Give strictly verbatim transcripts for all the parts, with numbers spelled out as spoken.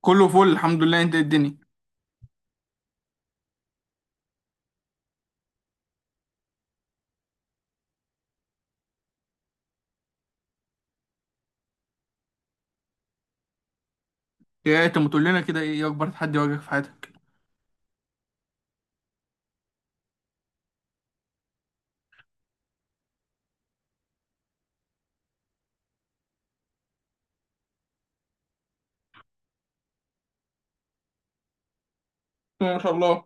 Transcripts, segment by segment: كله فل، الحمد لله. انت ايه الدنيا؟ ايه انت ما تقول لنا كده، ايه اكبر تحدي واجهك في حياتك؟ ما شاء الله.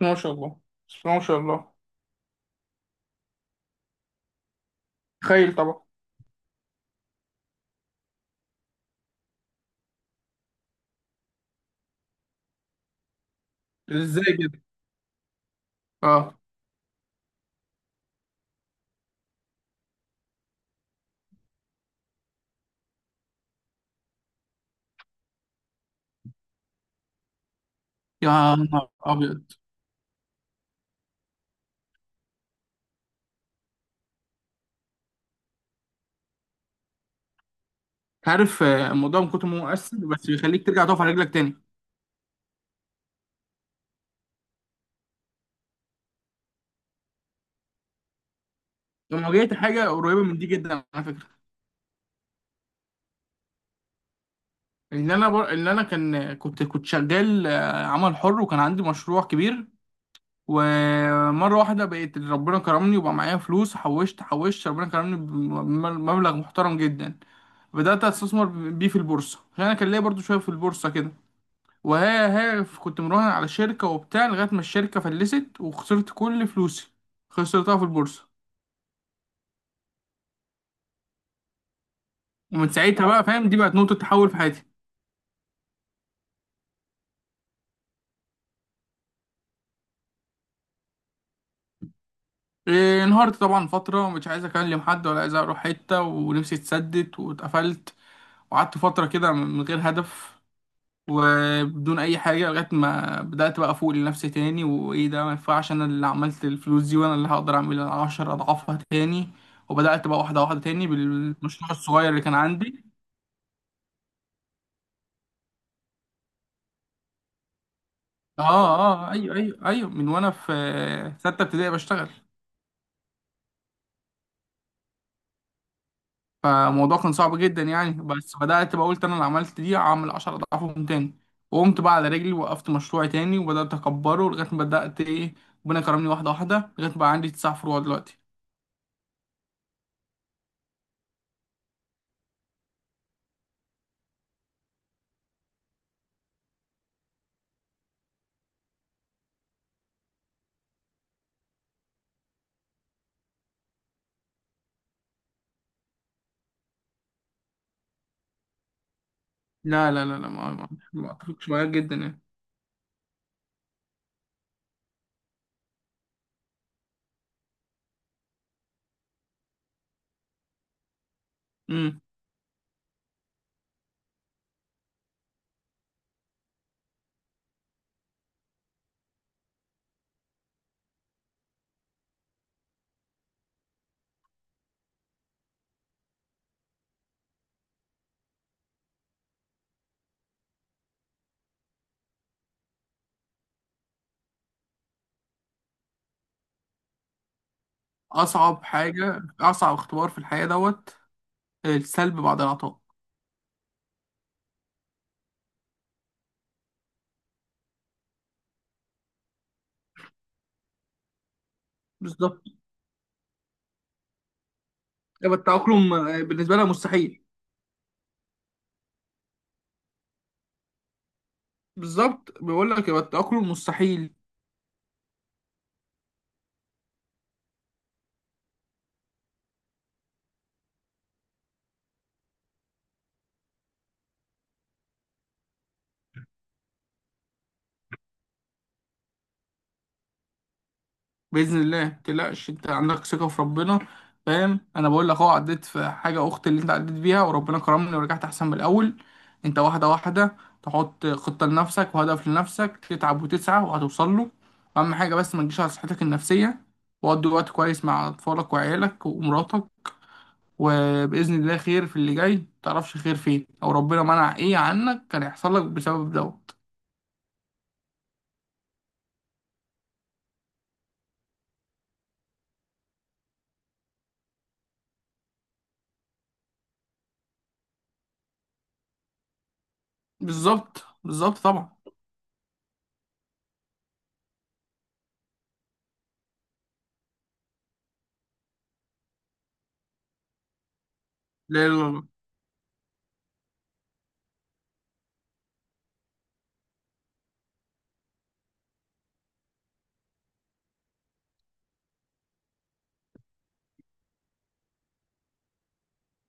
ما شاء الله. ما شاء الله. تخيل طبعا. ازاي كده؟ اه. يا نهار ابيض. عارف، آه، الموضوع من كتر ما هو مؤثر بس بيخليك ترجع تقف على رجلك تاني. انا واجهت حاجه قريبه من دي جدا على فكره. ان انا بر... ان انا كان كنت كنت شغال، آه، عمل حر، وكان عندي مشروع كبير. ومره واحده بقيت ربنا كرمني وبقى معايا فلوس، حوشت حوشت، ربنا كرمني بمبلغ محترم جدا. بدأت أستثمر بيه في البورصة، عشان أنا كان ليا برضو شوية في البورصة كده. وهي هي كنت مراهن على شركة وبتاع، لغاية ما الشركة فلست وخسرت كل فلوسي، خسرتها في البورصة. ومن ساعتها بقى، فاهم، دي بقت نقطة تحول في حياتي. إيه، انهارت طبعا فترة، ومش عايز أكلم حد ولا عايز أروح حتة، ونفسي اتسدت واتقفلت. وقعدت فترة كده من غير هدف وبدون اي حاجه، لغايه ما بدات بقى افوق لنفسي تاني، وايه ده، ما ينفعش انا اللي عملت الفلوس دي وانا اللي هقدر اعمل عشرة أضعافها اضعافها تاني. وبدات بقى واحده واحده تاني بالمشروع الصغير اللي كان عندي. اه، اه، آه، ايوه، ايوه، ايوه، من وانا في سته ابتدائي بشتغل. فالموضوع كان صعب جدا يعني، بس بدات بقى قلت انا اللي عملت دي هعمل عشرة أضعافهم اضعافهم تاني. وقمت بقى على رجلي، وقفت مشروعي تاني وبدات اكبره، لغايه ما بدات ايه، ربنا كرمني، واحده واحده، لغايه ما بقى عندي تسع فروع دلوقتي. لا لا لا لا، ما ما ما اتفقش معاك جدا يعني. امم. اصعب حاجه، اصعب اختبار في الحياه دوت، السلب بعد العطاء. بالظبط. يبقى التأقلم، آه، بالنسبه لها مستحيل. بالظبط، بيقول لك يبقى التأقلم مستحيل. باذن الله متقلقش، انت عندك ثقه في ربنا. فاهم، انا بقول لك اهو، عديت في حاجه اخت اللي انت عديت بيها، وربنا كرمني ورجعت احسن من الاول. انت واحده واحده تحط خطه لنفسك وهدف لنفسك، تتعب وتسعى وهتوصل له. اهم حاجه بس ما تجيش على صحتك النفسيه، وقضي وقت كويس مع اطفالك وعيالك ومراتك. وباذن الله خير في اللي جاي، متعرفش خير فين، او ربنا منع ايه عنك كان هيحصل لك بسبب دوت. بالظبط، بالظبط طبعا. لا لا لا.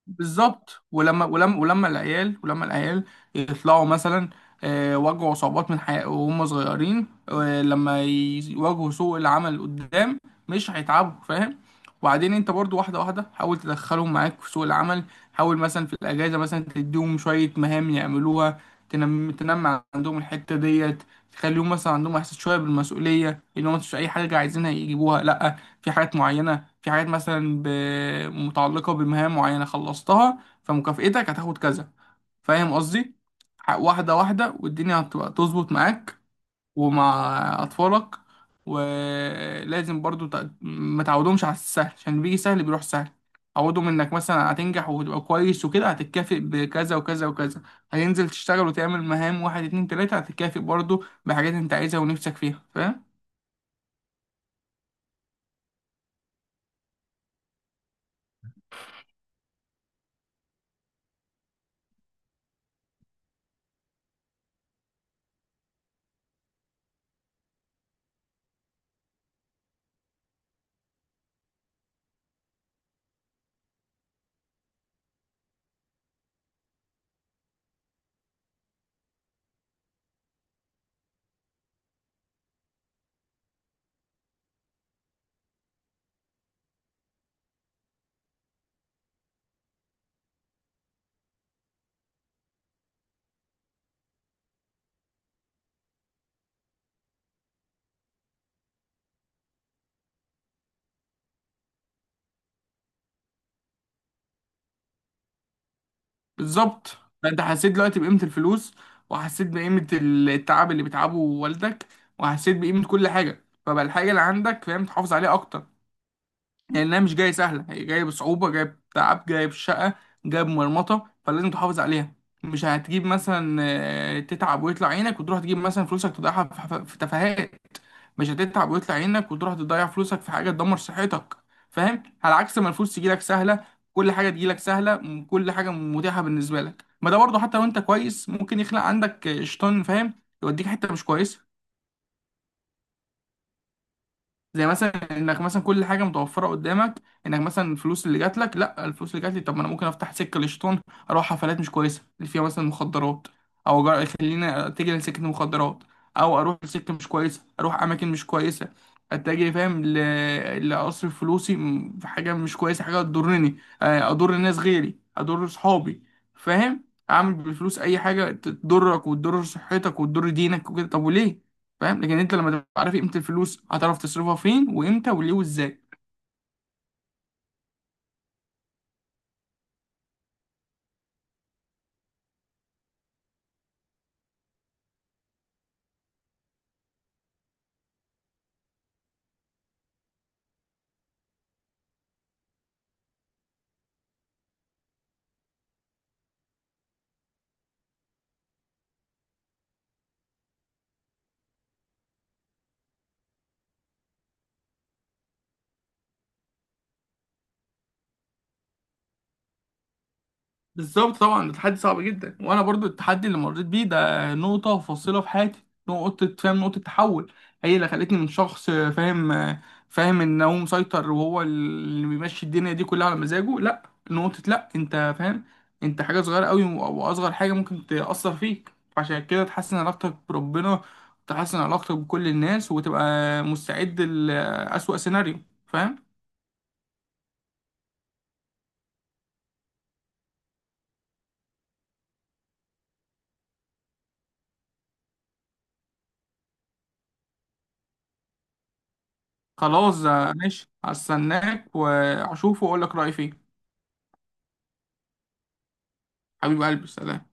بالظبط. ولما ولما ولما العيال ولما العيال يطلعوا مثلا، آه، واجهوا صعوبات من حياة وهم صغيرين، آه، لما يواجهوا سوق العمل قدام مش هيتعبوا، فاهم. وبعدين انت برضو واحدة واحدة حاول تدخلهم معاك في سوق العمل. حاول مثلا في الأجازة مثلا تديهم شوية مهام يعملوها. تنم تنمي عندهم الحتة ديت. تخليهم مثلا عندهم إحساس شوية بالمسؤولية، إن هم مش أي حاجة عايزينها يجيبوها، لأ، في حاجات معينة، في حاجات مثلا ب... متعلقة بمهام معينة خلصتها، فمكافئتك هتاخد كذا. فاهم قصدي؟ ح- واحدة واحدة والدنيا هتبقى تظبط معاك ومع أطفالك. ولازم برضو ت... ما تعودهمش على السهل، عشان بيجي سهل بيروح سهل. عودهم انك مثلا هتنجح وتبقى كويس وكده هتتكافئ بكذا وكذا وكذا. هتنزل تشتغل وتعمل مهام واحد اتنين تلاتة هتتكافئ برضو بحاجات انت عايزها ونفسك فيها، فاهم؟ بالظبط. انت حسيت دلوقتي بقيمة الفلوس، وحسيت بقيمة التعب اللي بتعبه والدك، وحسيت بقيمة كل حاجة. فبقى الحاجة اللي عندك، فاهم، تحافظ عليها اكتر، لانها مش جايه سهله، هي جايه بصعوبه، جايه بتعب، جايه بشقه، جايه بمرمطه، فلازم تحافظ عليها. مش هتجيب مثلا، آه، تتعب ويطلع عينك وتروح تجيب مثلا فلوسك تضيعها في حف- في تفاهات. مش هتتعب ويطلع عينك وتروح تضيع فلوسك في حاجه تدمر صحتك، فاهم. على عكس ما الفلوس تجيلك سهله، كل حاجه تجيلك سهله، م- كل حاجه متاحه بالنسبه لك، ما ده برضه حتى لو انت كويس ممكن يخلق عندك، آه، شيطان، فاهم، يوديك حته مش كويسه. زي مثلا انك مثلا كل حاجه متوفره قدامك، انك مثلا الفلوس اللي جات لك، لا الفلوس اللي جات لي، طب ما انا ممكن افتح سكه للشيطان، اروح حفلات مش كويسه اللي فيها مثلا مخدرات، او أجر- خليني اتجه لسكه المخدرات، او اروح لسكه مش كويسه، اروح اماكن مش كويسه، اتجه، فاهم، ل- لاصرف فلوسي م- في حاجه مش كويسه، حاجه تضرني، آه، اضر الناس غيري، اضر صحابي، فاهم. اعمل بالفلوس اي حاجه تضرك وتضر صحتك وتضر دينك وكده، طب وليه؟ فاهم، لكن انت لما تبقى عارف قيمه الفلوس هتعرف تصرفها فين وامتى وليه وازاي. بالظبط طبعا، ده تحدي صعب جدا. وانا برضو التحدي اللي مريت بيه ده نقطه فاصله في حياتي، نقطه، فاهم، نقطه تحول. هي اللي خلتني من شخص فاهم، فاهم ان هو مسيطر وهو اللي بيمشي الدنيا دي كلها على مزاجه، لا، نقطه، لا، انت فاهم، انت حاجه صغيره قوي، واصغر حاجه ممكن تاثر فيك. عشان كده تحسن علاقتك بربنا، تحسن علاقتك بكل الناس، وتبقى مستعد لأسوأ سيناريو، فاهم. خلاص، آه، ماشي، هستناك واشوفه واقول لك رأيي فيه. حبيب قلبي، سلام.